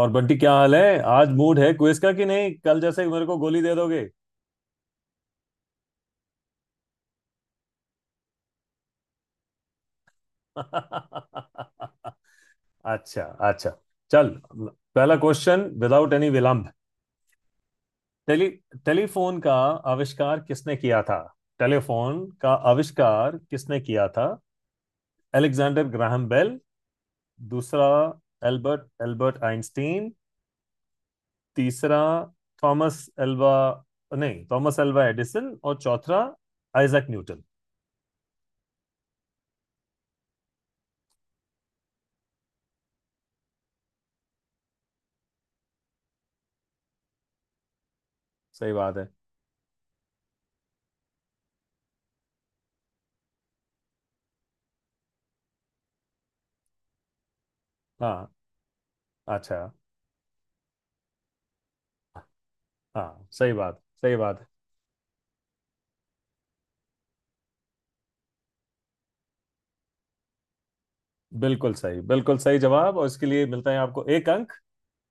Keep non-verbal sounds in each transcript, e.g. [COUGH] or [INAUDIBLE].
और बंटी क्या हाल है? आज मूड है क्विज का कि नहीं? कल जैसे ही मेरे को गोली दे दोगे। [LAUGHS] अच्छा। अच्छा। चल, पहला क्वेश्चन विदाउट एनी विलंब। टेली टेलीफोन का आविष्कार किसने किया था? टेलीफोन का आविष्कार किसने किया था? Alexander Graham Bell. दूसरा, एल्बर्ट एल्बर्ट आइंस्टीन। तीसरा, थॉमस एल्वा नहीं, थॉमस एल्वा एडिसन। और चौथा, आइजैक न्यूटन। सही बात है। हाँ। अच्छा। हाँ, सही बात, सही बात है। बिल्कुल सही, बिल्कुल सही जवाब। और इसके लिए मिलता है आपको 1 अंक।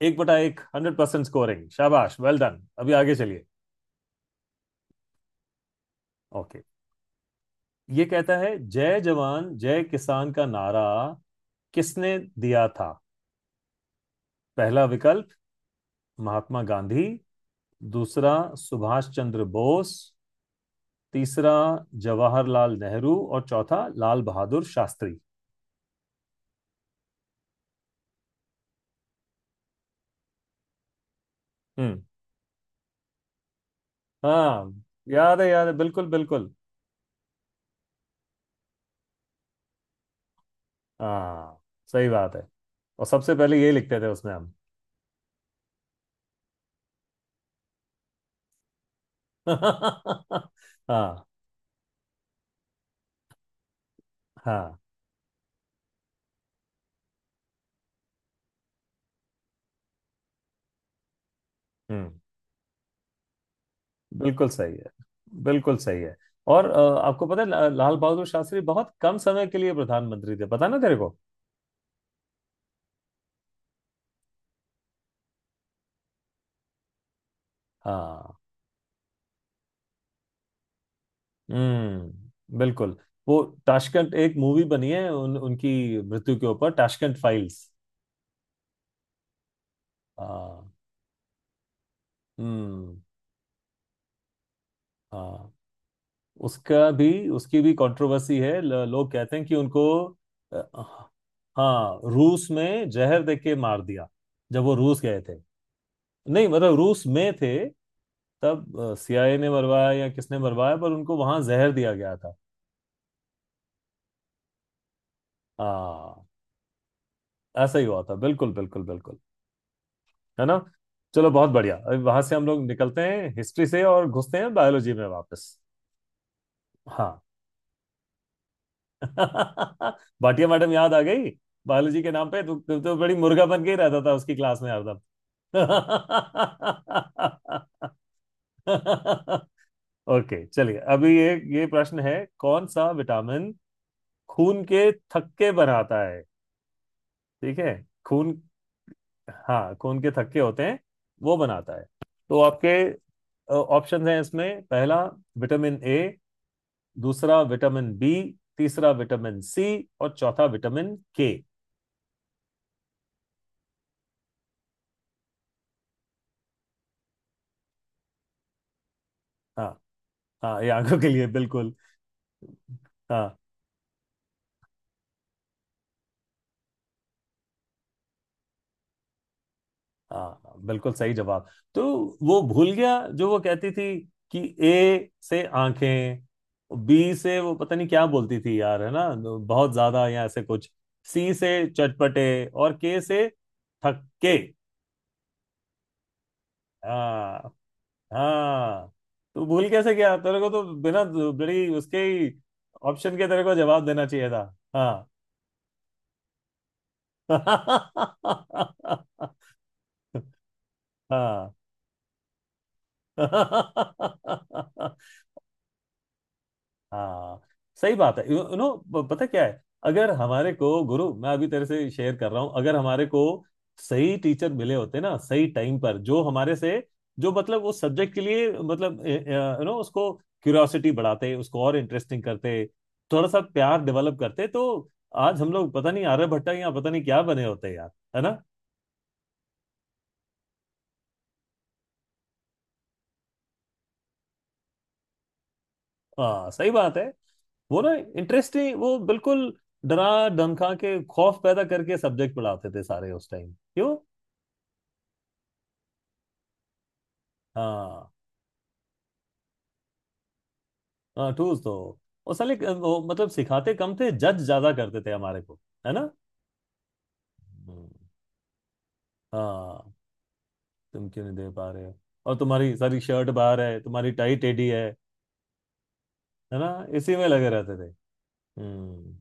1/1 100% स्कोरिंग, शाबाश, वेल डन। अभी आगे चलिए। ओके। ये कहता है जय जवान जय किसान का नारा किसने दिया था? पहला विकल्प, महात्मा गांधी। दूसरा, सुभाष चंद्र बोस। तीसरा, जवाहरलाल नेहरू। और चौथा, लाल बहादुर शास्त्री। हम्म। हाँ, याद है, याद है, बिल्कुल बिल्कुल। हाँ, सही बात है। और सबसे पहले यही लिखते थे उसमें हम। [LAUGHS] हाँ। हाँ। हम्म, बिल्कुल सही है, बिल्कुल सही है। और आपको पता है लाल बहादुर शास्त्री बहुत कम समय के लिए प्रधानमंत्री थे, पता ना तेरे को? हाँ। हम्म, बिल्कुल। वो ताशकंद, एक मूवी बनी है उनकी मृत्यु के ऊपर, ताशकंद फाइल्स। हाँ। हम्म। हाँ, उसका भी, उसकी भी कंट्रोवर्सी है, लोग कहते हैं कि उनको अ, हाँ, रूस में जहर दे के मार दिया। जब वो रूस गए थे। नहीं, मतलब रूस में थे तब सीआईए ने मरवाया या किसने मरवाया, पर उनको वहां जहर दिया गया था। हाँ, ऐसा ही हुआ था, बिल्कुल बिल्कुल बिल्कुल। है ना? चलो, बहुत बढ़िया, अभी वहां से हम लोग निकलते हैं हिस्ट्री से और घुसते हैं बायोलॉजी में वापस। हाँ। [LAUGHS] भाटिया मैडम याद आ गई। बायोलॉजी के नाम पे तू तू तो बड़ी मुर्गा बन के ही रहता था उसकी क्लास में हरदम। [LAUGHS] ओके, चलिए अभी ये प्रश्न है कौन सा विटामिन खून के थक्के बनाता है? ठीक है। खून, हाँ, खून के थक्के होते हैं वो बनाता है। तो आपके ऑप्शन हैं इसमें, पहला विटामिन ए, दूसरा विटामिन बी, तीसरा विटामिन सी, और चौथा विटामिन के। हाँ। हाँ, ये आंखों के लिए, बिल्कुल। हाँ, हाँ, हाँ, बिल्कुल सही जवाब। तो वो भूल गया जो वो कहती थी कि ए से आंखें, बी से, वो पता नहीं क्या बोलती थी यार, है ना, बहुत ज्यादा या ऐसे कुछ, सी से चटपटे, और के से थक्के। हाँ। हाँ। तो भूल कैसे गया तेरे को? तो बिना बड़ी उसके ही ऑप्शन के तेरे को जवाब देना चाहिए था। हाँ। [LAUGHS] हाँ। [LAUGHS] हाँ, सही बात है। यू नो, पता क्या है, अगर हमारे को गुरु, मैं अभी तेरे से शेयर कर रहा हूं, अगर हमारे को सही टीचर मिले होते ना सही टाइम पर, जो हमारे से जो मतलब उस सब्जेक्ट के लिए, मतलब, यू नो, उसको क्यूरियोसिटी बढ़ाते, उसको और इंटरेस्टिंग करते, थोड़ा सा प्यार डेवलप करते, तो आज हम लोग पता नहीं आर्यभट्ट या पता नहीं क्या बने होते यार। है ना? हाँ, सही बात है। वो ना इंटरेस्टिंग, वो बिल्कुल डरा धमका के, खौफ पैदा करके सब्जेक्ट पढ़ाते थे सारे उस टाइम, क्यों? हाँ। हाँ, टूल्स तो। और साले वो मतलब सिखाते कम थे, जज ज्यादा करते थे हमारे को। है ना? हम्म, हाँ, तुम क्यों नहीं दे पा रहे हो? और तुम्हारी सारी शर्ट बाहर है, तुम्हारी टाई टेढ़ी है। है ना? इसी में लगे रहते थे। हम्म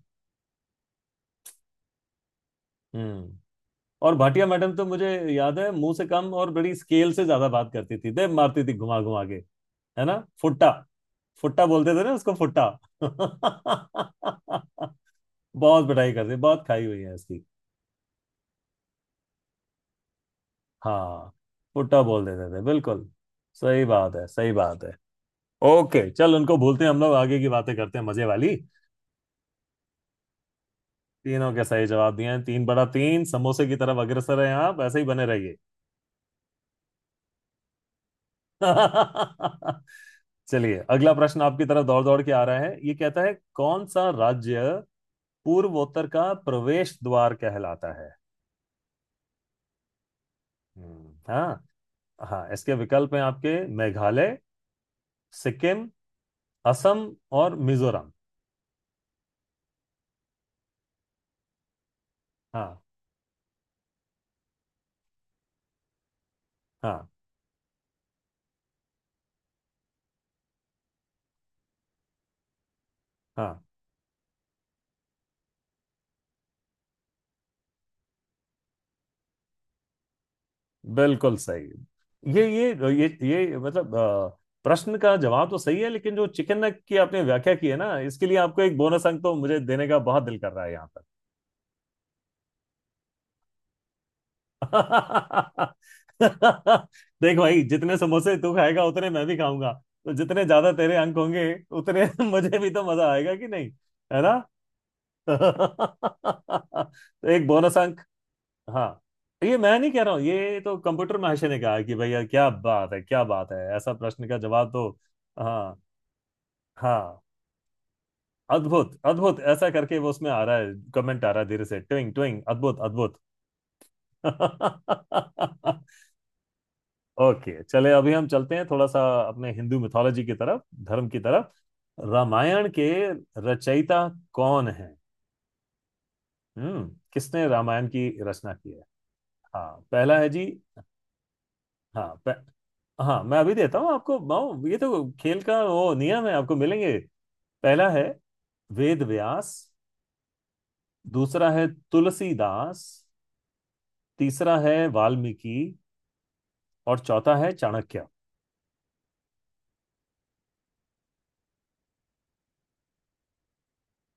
हम्म और भाटिया मैडम तो मुझे याद है मुंह से कम और बड़ी स्केल से ज्यादा बात करती थी, दे मारती थी घुमा घुमा के। है ना? फुट्टा, फुट्टा बोलते थे ना उसको, फुट्टा। [LAUGHS] बहुत पिटाई करती, बहुत खाई हुई है इसकी। हाँ, फुट्टा बोल देते थे, बिल्कुल। सही बात है, सही बात है। ओके, चल, उनको भूलते हैं हम लोग, आगे की बातें करते हैं मजे वाली। तीनों के सही जवाब दिए हैं, तीन बड़ा तीन समोसे की तरफ अग्रसर हैं, आप ऐसे ही बने रहिए। [LAUGHS] चलिए अगला प्रश्न आपकी तरफ दौड़ दौड़ के आ रहा है, ये कहता है कौन सा राज्य पूर्वोत्तर का प्रवेश द्वार कहलाता है? हाँ। हाँ, इसके विकल्प हैं आपके मेघालय, सिक्किम, असम, और मिजोरम। हाँ। हाँ। हाँ, बिल्कुल सही। ये ये ये मतलब प्रश्न का जवाब तो सही है लेकिन जो चिकन नेक की आपने व्याख्या की है ना, इसके लिए आपको 1 बोनस अंक तो मुझे देने का बहुत दिल कर रहा है यहाँ पर। [LAUGHS] देख भाई, जितने समोसे तू खाएगा उतने मैं भी खाऊंगा। तो जितने ज्यादा तेरे अंक होंगे उतने [LAUGHS] मुझे भी तो मजा आएगा, कि नहीं? है ना? [LAUGHS] तो 1 बोनस अंक। हाँ, ये मैं नहीं कह रहा हूँ, ये तो कंप्यूटर महाशय ने कहा कि भैया क्या बात है, क्या बात है, ऐसा प्रश्न का जवाब तो। हाँ। हाँ, अद्भुत अद्भुत, ऐसा करके वो उसमें आ रहा है कमेंट, आ रहा है धीरे से, ट्विंग ट्विंग, अद्भुत अद्भुत। [LAUGHS] ओके, चले अभी हम चलते हैं थोड़ा सा अपने हिंदू मिथोलॉजी की तरफ, धर्म की तरफ। रामायण के रचयिता कौन है? किसने रामायण की रचना की है? हाँ, पहला है जी, हाँ मैं, हाँ मैं अभी देता हूँ आपको माओ, ये तो खेल का वो नियम है, आपको मिलेंगे। पहला है वेद व्यास, दूसरा है तुलसीदास, तीसरा है वाल्मीकि, और चौथा है चाणक्य।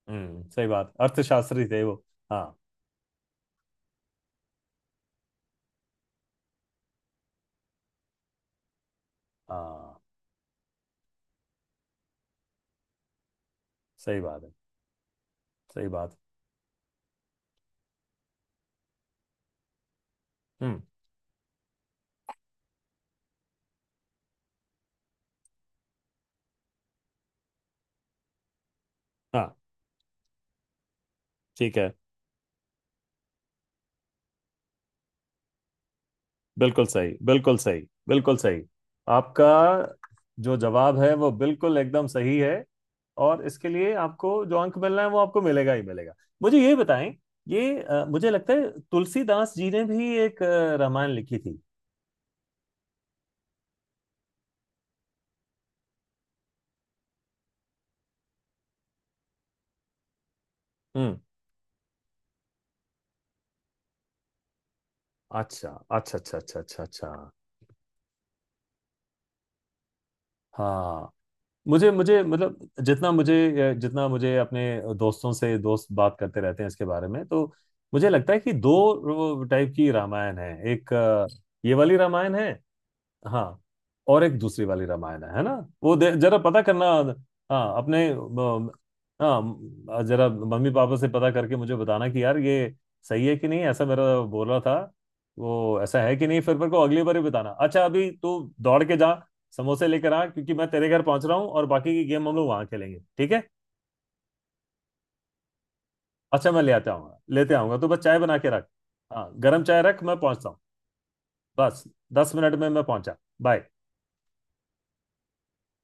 सही बात, अर्थशास्त्री थे वो। हाँ। हाँ, सही बात है। सही बात। हम्म। हाँ। ठीक है। बिल्कुल सही, बिल्कुल सही, बिल्कुल सही। आपका जो जवाब है वो बिल्कुल एकदम सही है। और इसके लिए आपको जो अंक मिलना है वो आपको मिलेगा ही मिलेगा। मुझे ये बताएं, ये मुझे लगता है तुलसीदास जी ने भी एक रामायण लिखी थी। हम्म। अच्छा, अच्छा, अच्छा, अच्छा, अच्छा, अच्छा। हाँ, मुझे, मुझे मतलब जितना मुझे जितना मुझे अपने दोस्तों से, दोस्त बात करते रहते हैं इसके बारे में, तो मुझे लगता है कि दो टाइप की रामायण है, एक ये वाली रामायण है। हाँ। और एक दूसरी वाली रामायण है ना? वो जरा पता करना। हाँ, अपने, हाँ, जरा मम्मी पापा से पता करके मुझे बताना कि यार ये सही है कि नहीं, ऐसा मेरा बोल रहा था। वो ऐसा है कि नहीं फिर मेरे को अगली बार ही बताना। अच्छा, अभी तू दौड़ के जा, समोसे लेकर आ क्योंकि मैं तेरे घर पहुंच रहा हूँ और बाकी की गेम हम लोग वहां खेलेंगे, ठीक है? अच्छा, मैं ले आता आऊंगा, लेते आऊंगा, तू बस चाय बना के रख। हाँ, गर्म चाय रख, मैं पहुंचता हूँ। बस 10 मिनट में मैं पहुंचा। बाय।